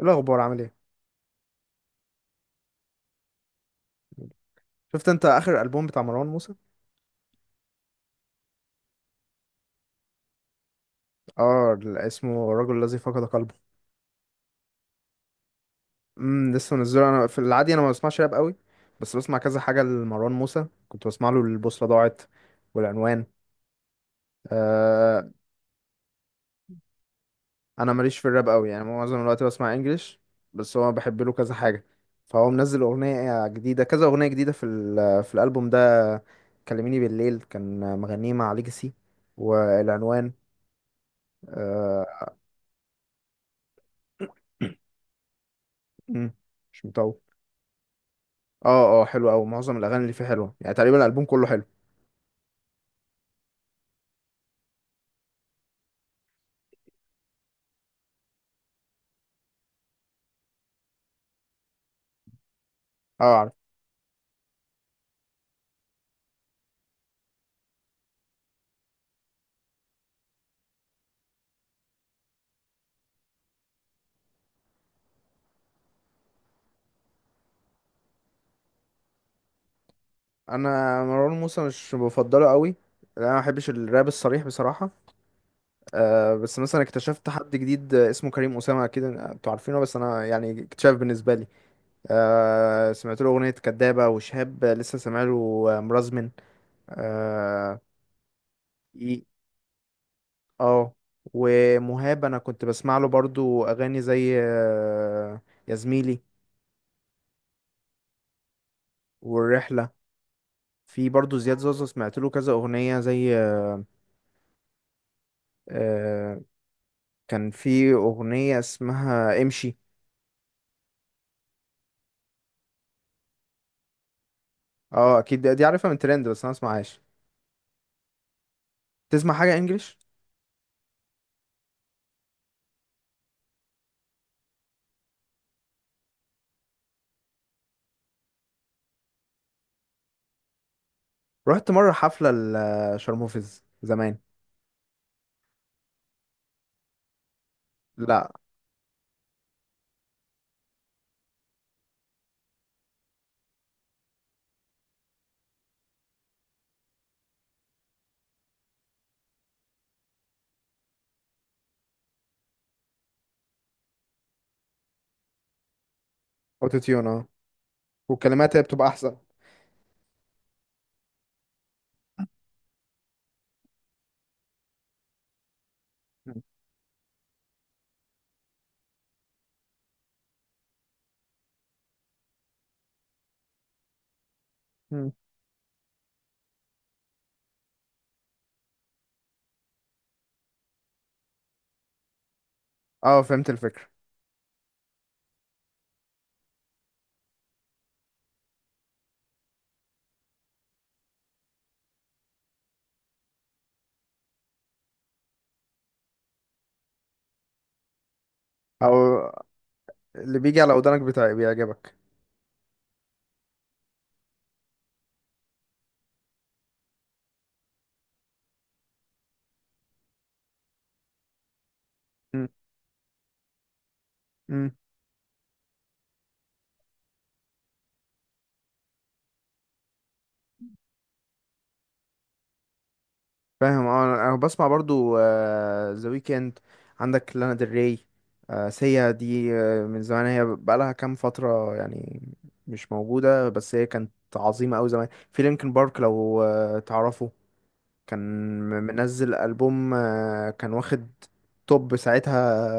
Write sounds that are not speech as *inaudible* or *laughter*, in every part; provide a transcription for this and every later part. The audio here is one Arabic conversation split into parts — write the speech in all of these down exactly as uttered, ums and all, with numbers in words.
إيه الاخبار؟ عامل ايه؟ شفت انت اخر البوم بتاع مروان موسى؟ اه ال- اسمه الرجل الذي فقد قلبه. امم لسه منزله. انا في العادي انا ما بسمعش راب قوي، بس بسمع كذا حاجه لمروان موسى، كنت بسمع له البوصله ضاعت والعنوان. آه، انا ماليش في الراب قوي، يعني معظم الوقت بسمع انجليش، بس هو بحب له كذا حاجه. فهو منزل اغنيه جديده كذا اغنيه جديده في ال- في الالبوم ده. كلميني بالليل كان مغنيه مع ليجاسي والعنوان. آه. *clears throat* مش مطول. اه اه حلو قوي، معظم الاغاني اللي فيه حلوه، يعني تقريبا الالبوم كله حلو. اه عارف. انا مروان موسى مش بفضله قوي، لأن انا ما بحبش الراب الصريح بصراحه. آه، بس مثلا اكتشفت حد جديد اسمه كريم اسامه، اكيد انتوا عارفينه، بس انا يعني اكتشاف بالنسبه لي. آه، سمعت له اغنيه كدابه وشهاب لسه سامع له مرزمن. اه. ي- آه. ومهاب انا كنت بسمع له برضو اغاني زي آه، يا زميلي. والرحله. في برضو زياد زازا سمعت له كذا أغنية زي آه، آه، كان في أغنية اسمها امشي. اه أكيد دي عارفها من ترند، بس أنا مسمعهاش. تسمع حاجة إنجليش؟ رحت مرة حفلة لشارموفيز زمان. لا. أوتوتيون، اه. والكلمات هي بتبقى أحسن. مم. مم. اه فهمت الفكرة. أو اللي بيجي على ودانك بتاعي بيعجبك. مم. مم. فاهم اه. انا أنا بسمع برضو ذا ويكند. عندك لانا ديل ري، آه، سيا دي آه، من زمان، هي بقالها كام فترة يعني مش موجودة، بس هي كانت عظيمة أوي زمان. في لينكن بارك لو آه، تعرفه، كان م- منزل ألبوم آه، كان واخد توب ساعتها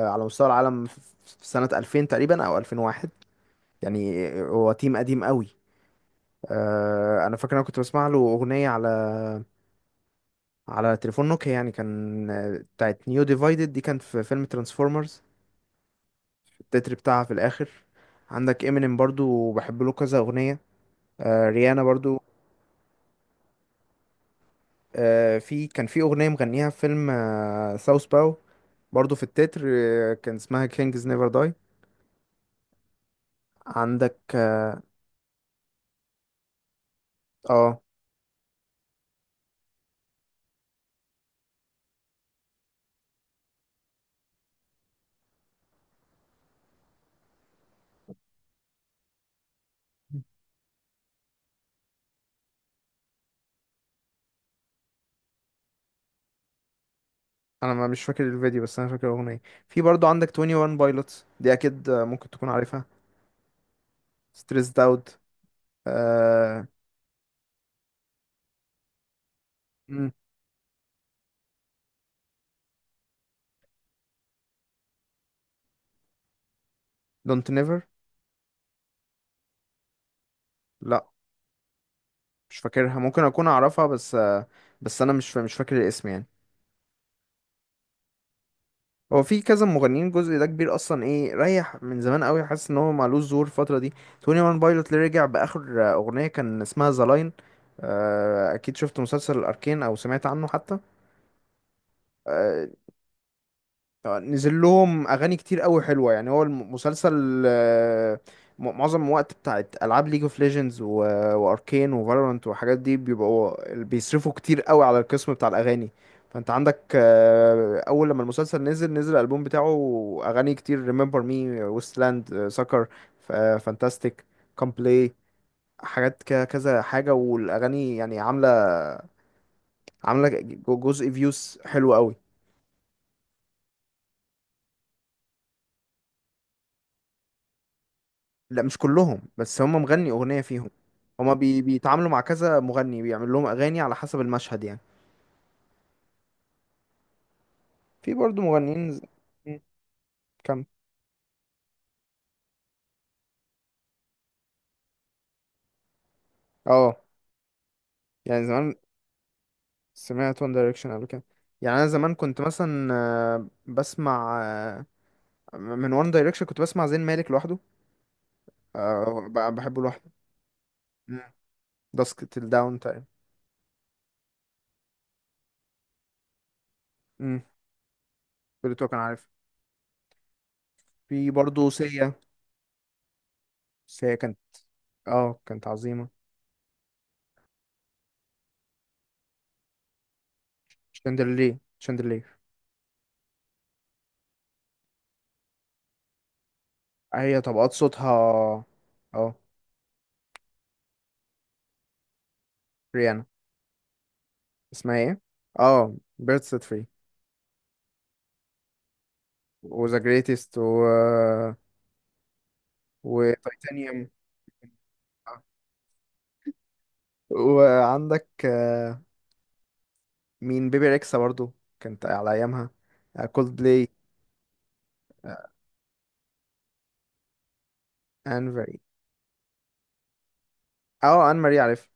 آه، على مستوى العالم، في في سنة ألفين تقريبا أو ألفين وواحد يعني، آه، هو تيم قديم أوي. آه، أنا فاكر أنا كنت بسمع له أغنية على على تليفون نوكيا يعني، كان آه، بتاعت نيو ديفايدد، دي كانت في فيلم ترانسفورمرز، التتر بتاعها في الاخر. عندك امينيم برضو بحب له كذا اغنيه. آه ريانا برضو. آه، في كان في اغنيه مغنيها في فيلم آه ساوث باو برضو، في التتر آه كان اسمها كينجز نيفر داي. عندك اه آه، انا ما مش فاكر الفيديو بس انا فاكر الاغنيه. في برضو عندك ترنتي وان بايلوتس دي اكيد آه، ممكن تكون عارفها، ستريسد اوت آه. دونت نيفر. لا مش فاكرها، ممكن اكون اعرفها بس آه، بس انا مش فا- مش فاكر الاسم يعني. هو في كذا مغنيين الجزء ده كبير اصلا، ايه ريح من زمان قوي، حاسس ان هو معلوش ظهور الفتره دي. ترنتي وان بايلوت اللي رجع باخر آه، اغنيه كان اسمها ذا لاين. اكيد شفت مسلسل الاركين او سمعت عنه حتى. آه، نزل لهم اغاني كتير قوي حلوه يعني، هو المسلسل آه، م- معظم الوقت بتاعت العاب ليج اوف ليجندز واركين وفالورانت والحاجات دي بيبقوا بيصرفوا كتير قوي على القسم بتاع الاغاني. فانت عندك آه، اول لما المسلسل نزل نزل الالبوم بتاعه، اغاني كتير: ريمبر مي، ويست لاند، سكر، فانتاستيك، كام بلاي، حاجات ك- كذا حاجه. والاغاني يعني عامله عامله ج- جزء فيوز حلو قوي. لا مش كلهم، بس هم مغني اغنيه فيهم. هما بي... بيتعاملوا مع كذا مغني بيعمل لهم اغاني على حسب المشهد يعني. في برضو مغنيين ز... مم، كم. اه. يعني زمان سمعت وان دايركشن قبل كده. يعني انا زمان كنت مثلا آه، بسمع آه، من وان دايركشن كنت بسمع زين مالك لوحده، آه، ب- بحبه لوحده. داسك تيل داون تقريبا. امم بلوتو كان عارف. في برضه سيا. سيا كانت، اه كانت عظيمه. شاندلير، شاندلير. هي طبقات صوتها اه. ريانا. اسمها ايه؟ اه بيرد سيت فري. وذا جريتست، و وتايتانيوم. وعندك آه، مين بيبي ريكسا برضو، كانت على ايامها. كولد بلاي. ان ماري. اه ان ماري عارف.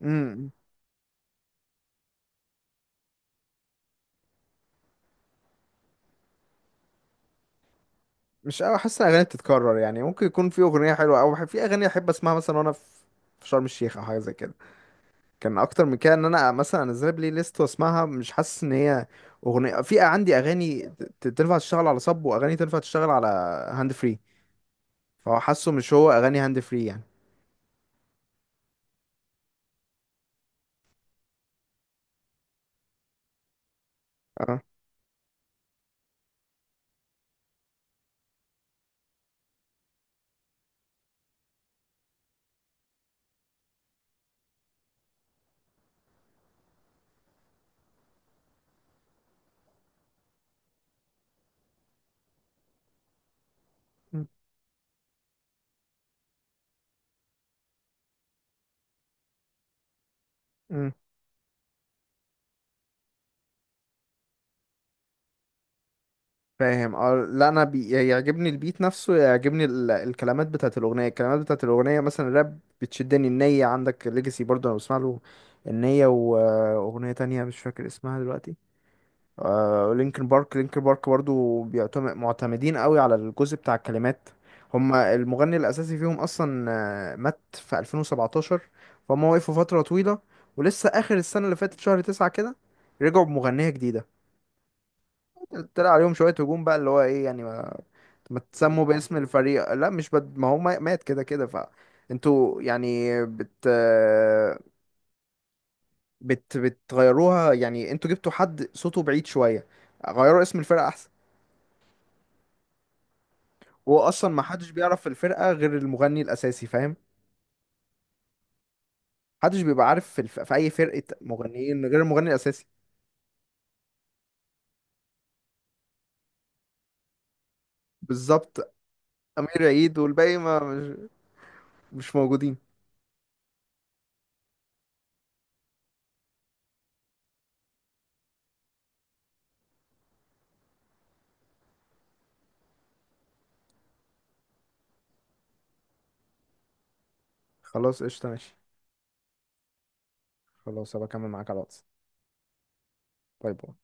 امم. مش قوي، حاسس ان الاغاني بتتكرر يعني، ممكن يكون في اغنيه حلوه او في اغاني احب اسمعها مثلا وانا في في شرم الشيخ او حاجه زي كده. كان اكتر من كده ان انا مثلا انزلها بلاي ليست واسمعها، مش حاسس ان هي اغنيه. في عندي اغاني ت- تنفع تشتغل على صب، واغاني تنفع تشتغل على هاند فري، فهو حاسه مش هو اغاني هاند فري يعني. اه. مم. مم. فاهم اه. لا انا بي... يعجبني البيت نفسه، يعجبني ال... الكلمات بتاعت الاغنيه، الكلمات بتاعت الاغنيه مثلا الراب بتشدني. النية، عندك ليجاسي برضه انا بسمع له النية واغنيه تانية مش فاكر اسمها دلوقتي. آه لينكن بارك، لينكن بارك برضو بيعتمد معتمدين قوي على الجزء بتاع الكلمات. هما المغني الأساسي فيهم أصلا آه، مات في ألفين وسبعتاشر، فهم وقفوا فترة طويلة. ولسه آخر السنة اللي فاتت شهر تسعة كده رجعوا بمغنية جديدة. طلع عليهم شوية هجوم بقى اللي هو إيه يعني، ما, ما تسموا باسم الفريق. لا مش بد... ما هو ما- مات كده كده ف انتوا يعني بت آه، بت بتغيروها، يعني انتوا جبتوا حد صوته بعيد شوية، غيروا اسم الفرقة. واصلا ما حدش بيعرف في الفرقه غير المغني الاساسي، فاهم؟ محدش بيبقى عارف في، الف... في اي فرقه مغنيين غير المغني الاساسي. بالظبط. امير عيد والباقي ما مش, مش موجودين. خلاص قشطه ماشي، خلاص هبقى اكمل معاك على الواتس. باي باي.